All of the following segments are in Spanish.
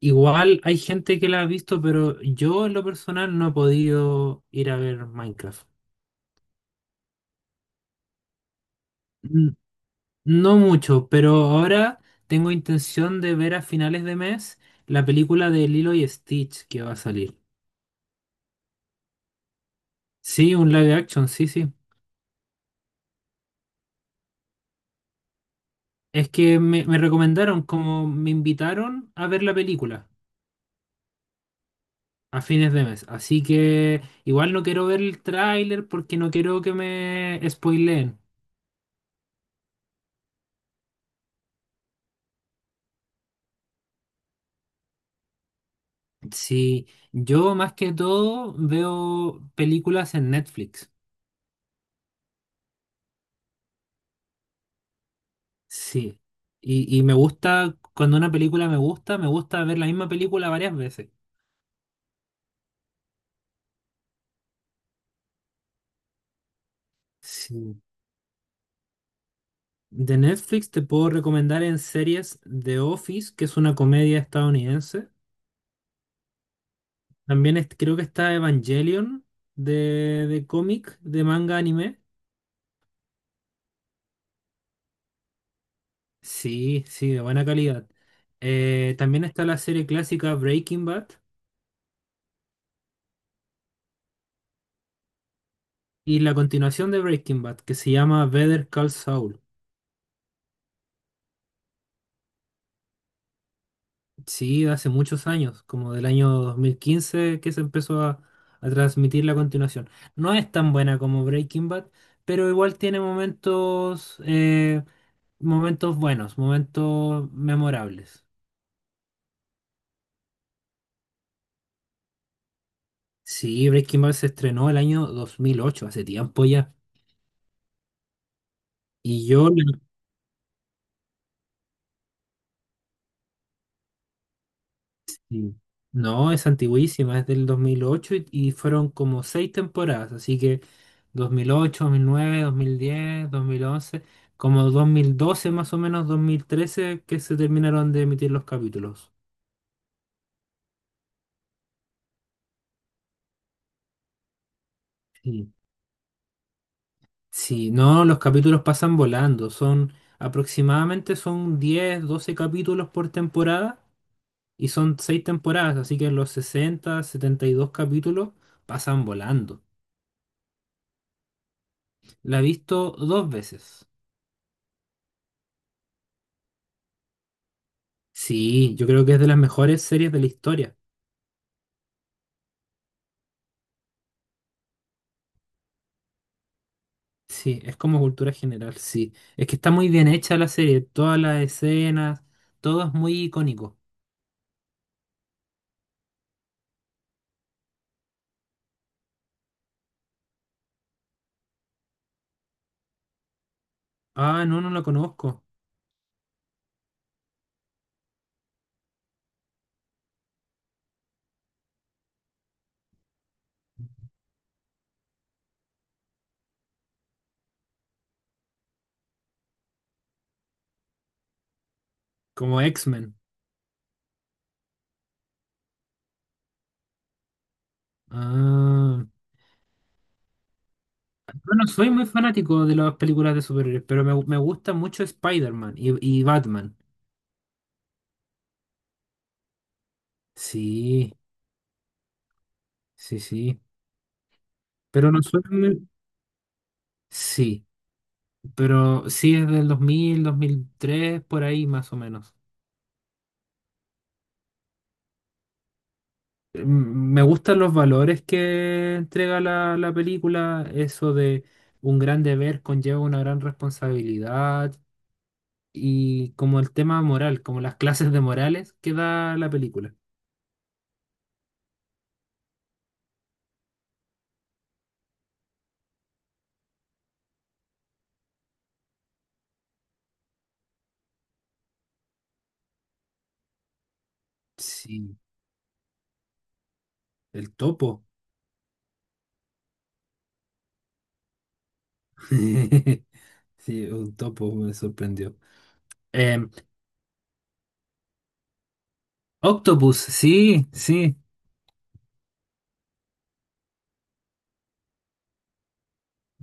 Igual hay gente que la ha visto, pero yo en lo personal no he podido ir a ver Minecraft. N- No mucho, pero ahora tengo intención de ver a finales de mes la película de Lilo y Stitch que va a salir. Sí, un live action, sí, sí. Es que me recomendaron, como me invitaron a ver la película a fines de mes. Así que igual no quiero ver el tráiler porque no quiero que me spoileen. Sí, yo más que todo veo películas en Netflix. Sí. Y me gusta, cuando una película me gusta ver la misma película varias veces. Sí. De Netflix te puedo recomendar en series The Office, que es una comedia estadounidense. Creo que está Evangelion de cómic, de manga anime. Sí, sí, de buena calidad. También está la serie clásica Breaking Bad. Y la continuación de Breaking Bad, que se llama Better Call Saul. Sí, de hace muchos años, como del año 2015 que se empezó a transmitir la continuación. No es tan buena como Breaking Bad, pero igual tiene momentos, momentos buenos, momentos memorables. Sí, Breaking Bad se estrenó el año 2008 hace tiempo ya. Y yo la Sí. No, es antiguísima, es del 2008 y fueron como seis temporadas, así que dos mil ocho, nueve, diez, 2011, como 2012 más o menos, 2013 que se terminaron de emitir los capítulos. Sí. Sí, no, los capítulos pasan volando, son aproximadamente son 10, 12 capítulos por temporada y son seis temporadas, así que los sesenta, 72 capítulos pasan volando. La he visto dos veces. Sí, yo creo que es de las mejores series de la historia. Sí, es como cultura general, sí. Es que está muy bien hecha la serie, todas las escenas, todo es muy icónico. Ah, no, no la conozco. Como X-Men. Ah. Bueno, soy muy fanático de las películas de superhéroes, pero me gusta mucho Spider-Man y Batman. Sí, sí, sí. Pero no soy muy... Sí, pero sí es del 2003 por ahí más o menos. Me gustan los valores que entrega la película, eso de un gran deber conlleva una gran responsabilidad y como el tema moral, como las clases de morales que da la película. Sí, el topo. Sí, un topo me sorprendió. Em, Octopus, sí, sí,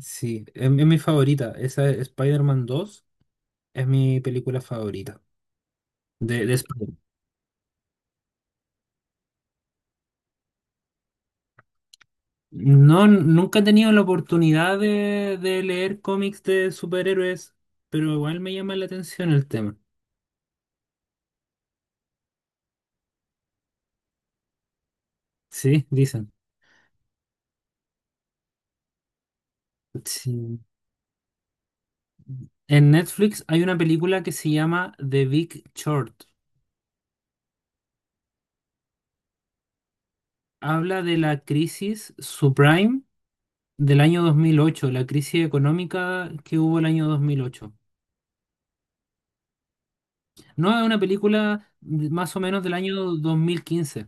sí, es mi favorita. Esa es Spider-Man 2, es mi película favorita de Spider-Man. No, nunca he tenido la oportunidad de leer cómics de superhéroes, pero igual me llama la atención el tema. Sí, dicen. Sí. En Netflix hay una película que se llama The Big Short. Habla de la crisis subprime del año 2008, la crisis económica que hubo el año 2008. No, es una película más o menos del año 2015,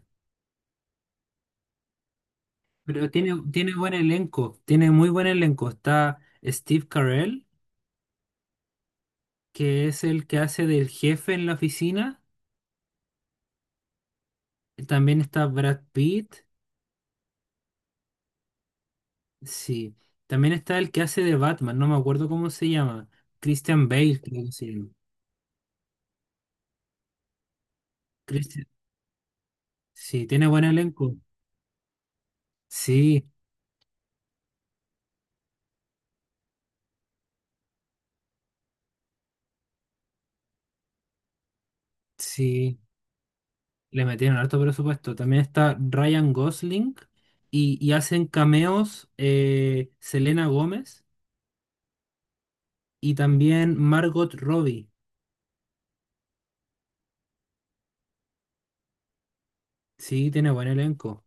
pero tiene buen elenco, tiene muy buen elenco. Está Steve Carell, que es el que hace del jefe en la oficina. También está Brad Pitt, sí. También está el que hace de Batman, no me acuerdo cómo se llama. Christian Bale, creo que se llama. Christian- Sí, tiene buen elenco. Sí, sí. Le metieron harto presupuesto. También está Ryan Gosling y hacen cameos, Selena Gómez y también Margot Robbie. Sí, tiene buen elenco.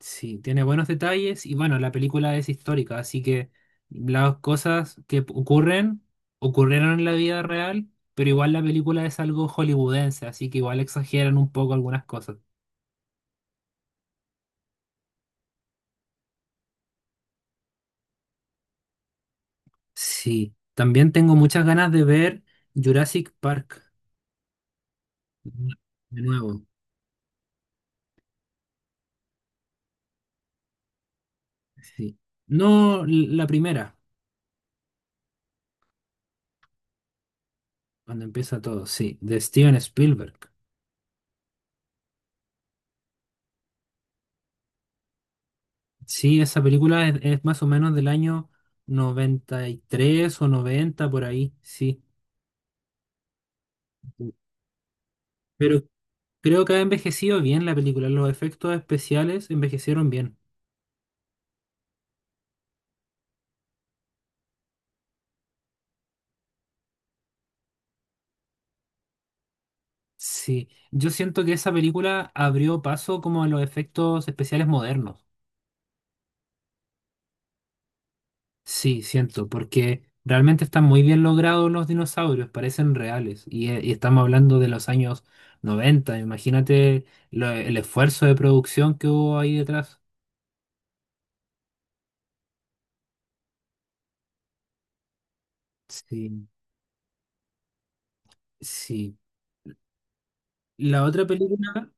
Sí, tiene buenos detalles y bueno, la película es histórica, así que las cosas que ocurren, ocurrieron en la vida real, pero igual la película es algo hollywoodense, así que igual exageran un poco algunas cosas. Sí, también tengo muchas ganas de ver Jurassic Park de nuevo. Sí. No l- La primera, cuando empieza todo, sí, de Steven Spielberg. Sí, esa película es más o menos del año 93 o 90 por ahí, sí. Pero creo que ha envejecido bien la película. Los efectos especiales envejecieron bien. Sí, yo siento que esa película abrió paso como a los efectos especiales modernos. Sí, siento, porque realmente están muy bien logrados los dinosaurios, parecen reales. Y estamos hablando de los años 90. Imagínate el esfuerzo de producción que hubo ahí detrás. Sí, sí. La otra película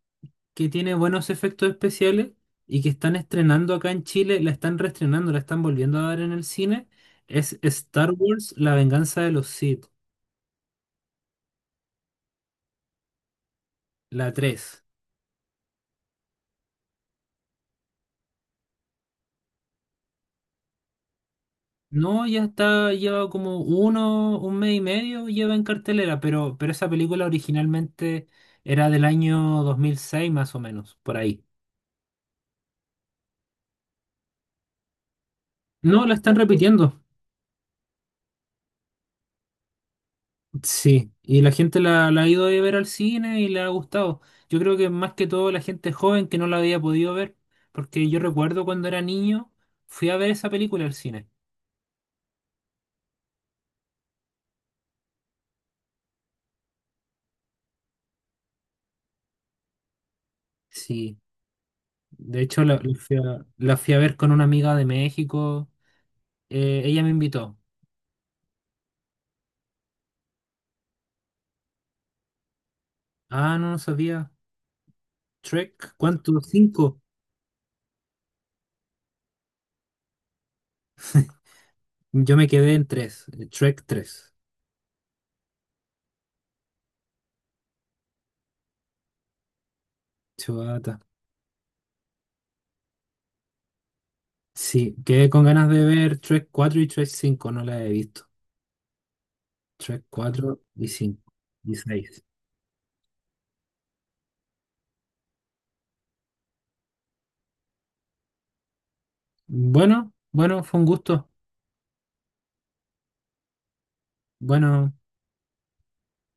que tiene buenos efectos especiales y que están estrenando acá en Chile, la están reestrenando, la están volviendo a dar en el cine, es Star Wars, La venganza de los Sith, la tres. No, ya está, lleva como uno, un mes y medio lleva en cartelera, pero esa película originalmente era del año 2006 más o menos, por ahí. No, la están repitiendo. Sí, y la gente la ha ido a ver al cine y le ha gustado. Yo creo que más que todo la gente joven que no la había podido ver, porque yo recuerdo cuando era niño, fui a ver esa película al cine. Sí, de hecho la fui a ver con una amiga de México, ella me invitó. Ah, no, no sabía. Trek, ¿cuánto? ¿Cinco? Yo me quedé en tres, Trek tres. Chubata. Sí, quedé con ganas de ver Trek 4 y Trek 5, no la he visto. Trek 4 y cinco y seis. Bueno, bueno, fue un gusto. Bueno,